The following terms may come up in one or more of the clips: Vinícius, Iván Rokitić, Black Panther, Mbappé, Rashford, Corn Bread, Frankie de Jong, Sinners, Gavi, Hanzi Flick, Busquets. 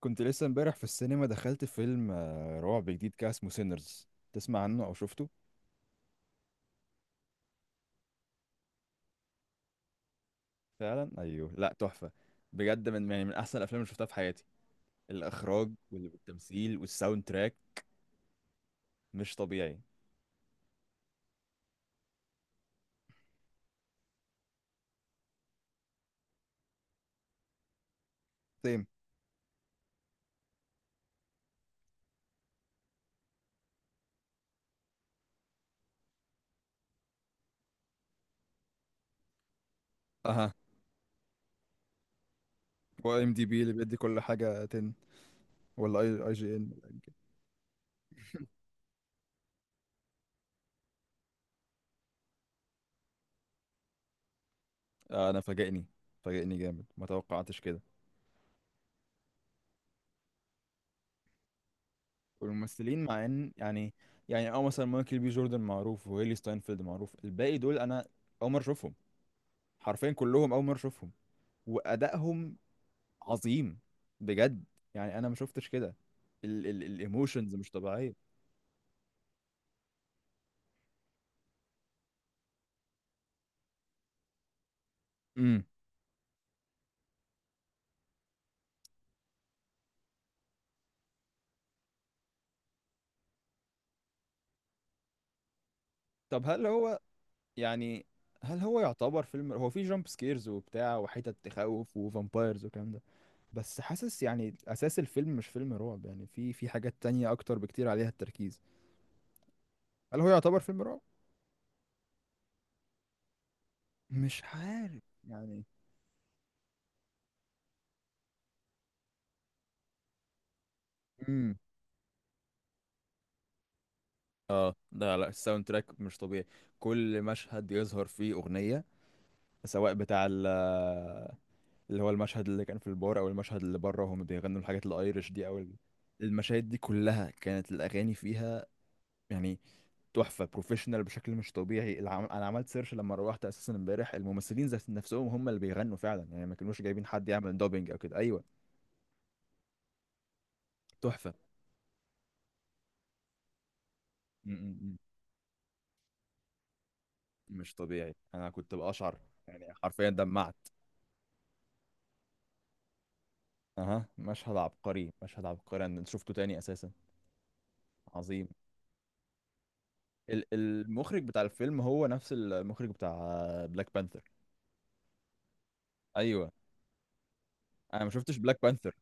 كنت لسه امبارح في السينما دخلت فيلم رعب جديد كده اسمه سينرز. تسمع عنه او شفته؟ فعلا، ايوه، لا تحفه. بجد يعني من احسن الافلام اللي شفتها في حياتي. الاخراج والتمثيل والساوند تراك مش طبيعي. سيم. اها. هو ام دي بي اللي بيدي كل حاجة 10؟ ولا اي جي ان؟ انا فاجئني. فاجئني جامد، ما توقعتش كده. والممثلين مع ان يعني مثلا مايكل بي جوردن معروف، وهيلي ستاينفيلد معروف. الباقي دول انا اول مره اشوفهم، حرفيا كلهم اول مره اشوفهم. وادائهم عظيم بجد. يعني انا ما شفتش كده، الايموشنز مش طبيعيه. امم طب يعني هل هو يعتبر فيلم هو فيه جامب سكيرز وبتاع وحتت تخوف وفامبايرز والكلام ده؟ بس حاسس يعني اساس الفيلم مش فيلم رعب. يعني في حاجات تانية اكتر بكتير عليها التركيز. هل هو يعتبر فيلم رعب؟ مش عارف يعني. امم اه، ده، لا، الساوند تراك مش طبيعي. كل مشهد يظهر فيه اغنيه، سواء بتاع اللي هو المشهد اللي كان في البار، او المشهد اللي بره وهم بيغنوا الحاجات الايرش دي، او المشاهد دي كلها كانت الاغاني فيها. يعني تحفه، بروفيشنال بشكل مش طبيعي. انا عملت سيرش لما روحت اساسا امبارح. الممثلين ذات نفسهم هم اللي بيغنوا فعلا، يعني ما كانوش جايبين حد يعمل دوبينج او كده. ايوه، تحفه. م- م- م. مش طبيعي، انا كنت بقشعر. يعني حرفيا دمعت. اها، مشهد عبقري، مشهد عبقري. انا شفته تاني اساسا. عظيم. المخرج بتاع الفيلم هو نفس المخرج بتاع بلاك بانثر. ايوه. انا ما شفتش بلاك بانثر.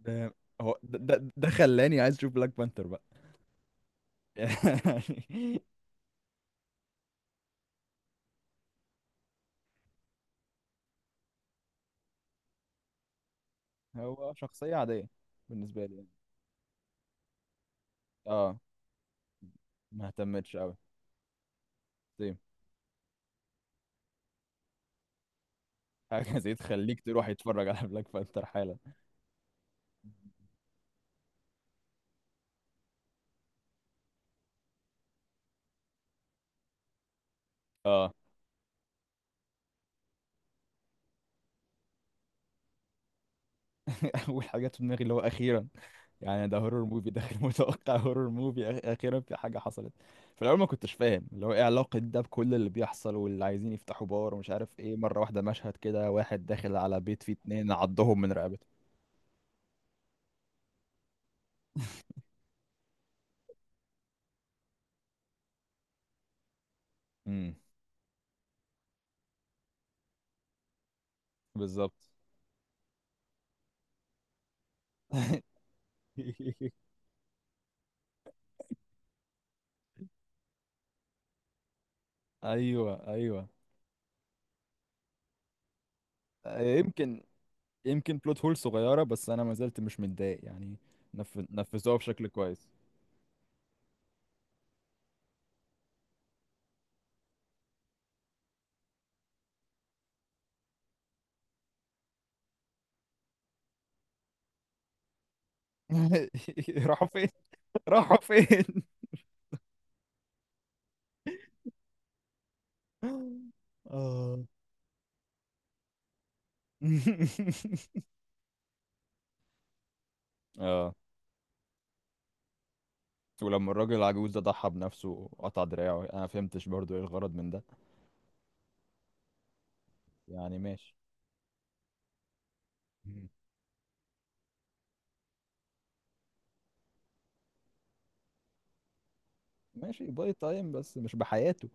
ده هو ده ده, ده خلاني عايز اشوف بلاك بانثر بقى. يعني هو شخصية عادية بالنسبة لي يعني. اه، ما اهتمتش قوي. طيب، حاجة زي تخليك تروح يتفرج على بلاك بانثر حالا. اه. اول حاجة جت في دماغي اللي هو اخيرا. يعني ده هورور موفي، داخل متوقع هورور موفي، اخيرا في حاجة حصلت. في الاول ما كنتش فاهم اللي هو ايه علاقة ده بكل اللي بيحصل، واللي عايزين يفتحوا بار ومش عارف ايه. مرة واحدة مشهد كده، واحد داخل على بيت فيه اتنين عضهم من رقبته. بالظبط. ايوه، ايوه. آه، يمكن يمكن بلوت هول صغيره، بس انا ما زلت مش متضايق يعني. نفذوها بشكل كويس. راحوا فين؟ راحوا فين؟ اه. اه، ولما الراجل العجوز ده ضحى بنفسه وقطع دراعه، انا ما فهمتش برضو ايه الغرض من ده. يعني ماشي. مم. ماشي باي تايم، بس مش بحياته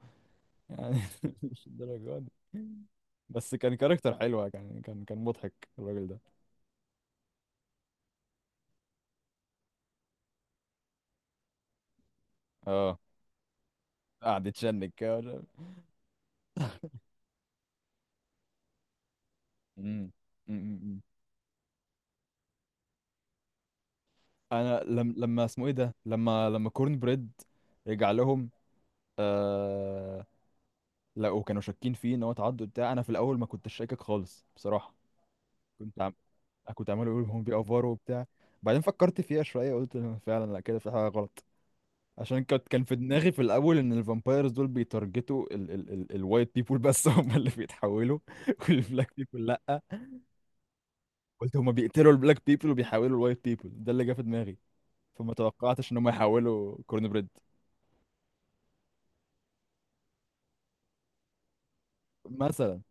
يعني. مش الدرجه دي. بس كان كاركتر حلوة، كان مضحك الراجل ده. اه، قاعد يتشنج كده مم. مم. مم. انا لم... لما اسمه ايه ده، لما كورن بريد رجع لهم آه... لقوا، كانوا شاكين فيه ان هو تعدوا بتاع. انا في الاول ما كنتش شاكك خالص بصراحه. كنت عم... كنت عمال اقول هم بيأفوروا وبتاع. بعدين فكرت فيها شويه، قلت فعلا لا، كده في حاجه غلط. عشان كان في دماغي في الاول ان الفامبايرز دول بيتارجتوا ال ال ال الوايت بيبول بس، هم اللي بيتحولوا. والبلاك بيبول لا. قلت هما بيقتلوا البلاك بيبل وبيحولوا الوايت بيبل، ده اللي جه في دماغي. فما توقعتش ان هما يحولوا كورن بريد مثلا.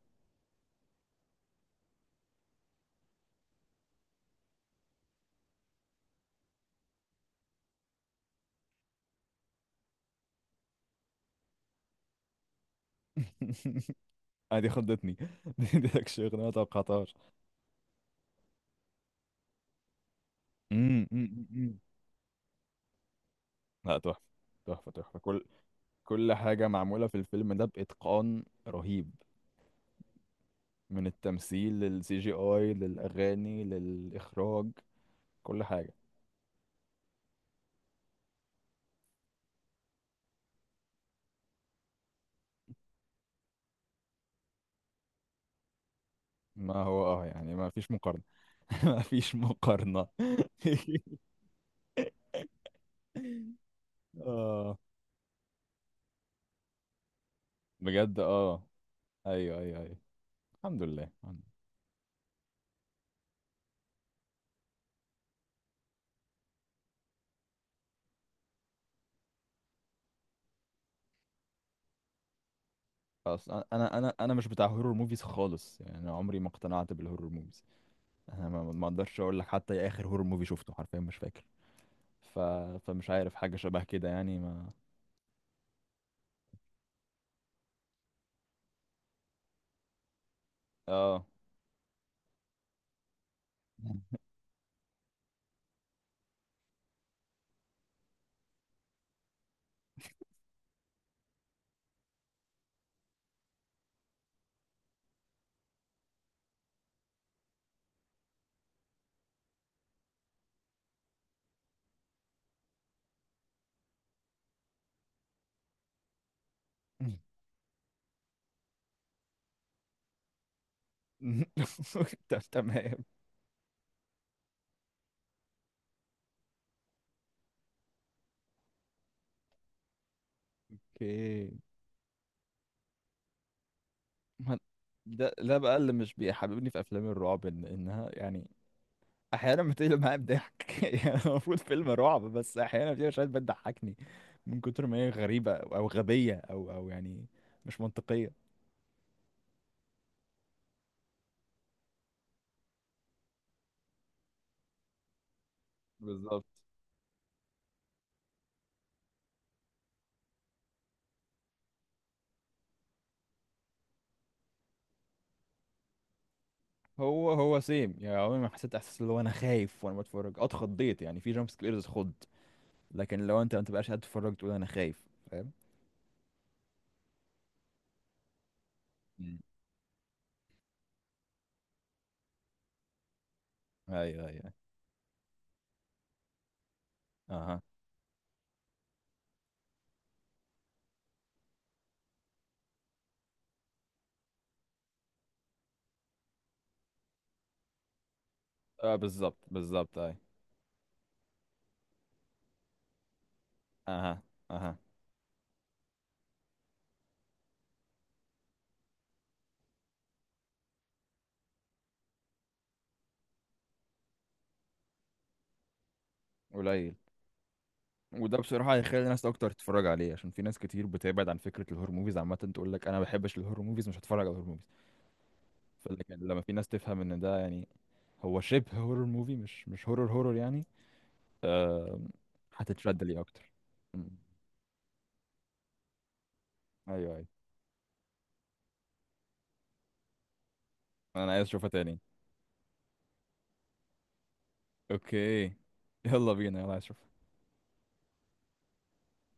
آه دي خضتني. دي اكشن ما توقعتهاش. أمم، أمم، أمم. لا تحفه، تحفه، تحفه. كل حاجه معموله في الفيلم ده باتقان رهيب، من التمثيل للسي جي اي للاغاني للاخراج، كل حاجه. ما هو يعني ما فيش مقارنه. ما فيش مقارنه. اه بجد، اه، ايوه ايوه ايوه. الحمد لله، الحمد لله. خلاص، انا انا انا أنا مش بتاع هورور موفيز خالص. يعني انا عمري ما اقتنعت بالهورور موفيز. انا ما اقدرش اقول لك حتى ايه اخر هورور موفي شفته، حرفيا مش فاكر. ف... فمش عارف حاجه شبه كده يعني ما. اه تمام. اوكي. ما- ده بقى اللي مش بيحببني في افلام الرعب، انها يعني احيانا بتقلب معايا بضحك. يعني المفروض فيلم رعب، بس احيانا في مشاهد بتضحكني من كتر ما هي غريبه، أو غبيه، او يعني مش منطقيه. بالظبط. هو سيم. يعني عمري ما حسيت احساس اللي هو انا خايف وانا بتفرج. اه اتخضيت يعني في جامب سكيرز، خض. لكن لو انت ما تبقاش قاعد تتفرج تقول انا خايف، فاهم. مم. ايوه، ايوه. اها، اه، بالظبط، بالظبط، اي. اها، اها. قليل. وده بصراحة هيخلي ناس أكتر تتفرج عليه، عشان في ناس كتير بتبعد عن فكرة الهور موفيز عامة، تقول لك أنا ما بحبش الهور موفيز، مش هتفرج على الهور موفيز. فلكن لما في ناس تفهم إن ده يعني هو شبه هورر موفي، مش هورر هورر يعني، آه، هتتشد ليه أكتر. أمم. أيوه، أيوه. أنا عايز أشوفها تاني. أوكي. يلا بينا، يلا عايز أشوفها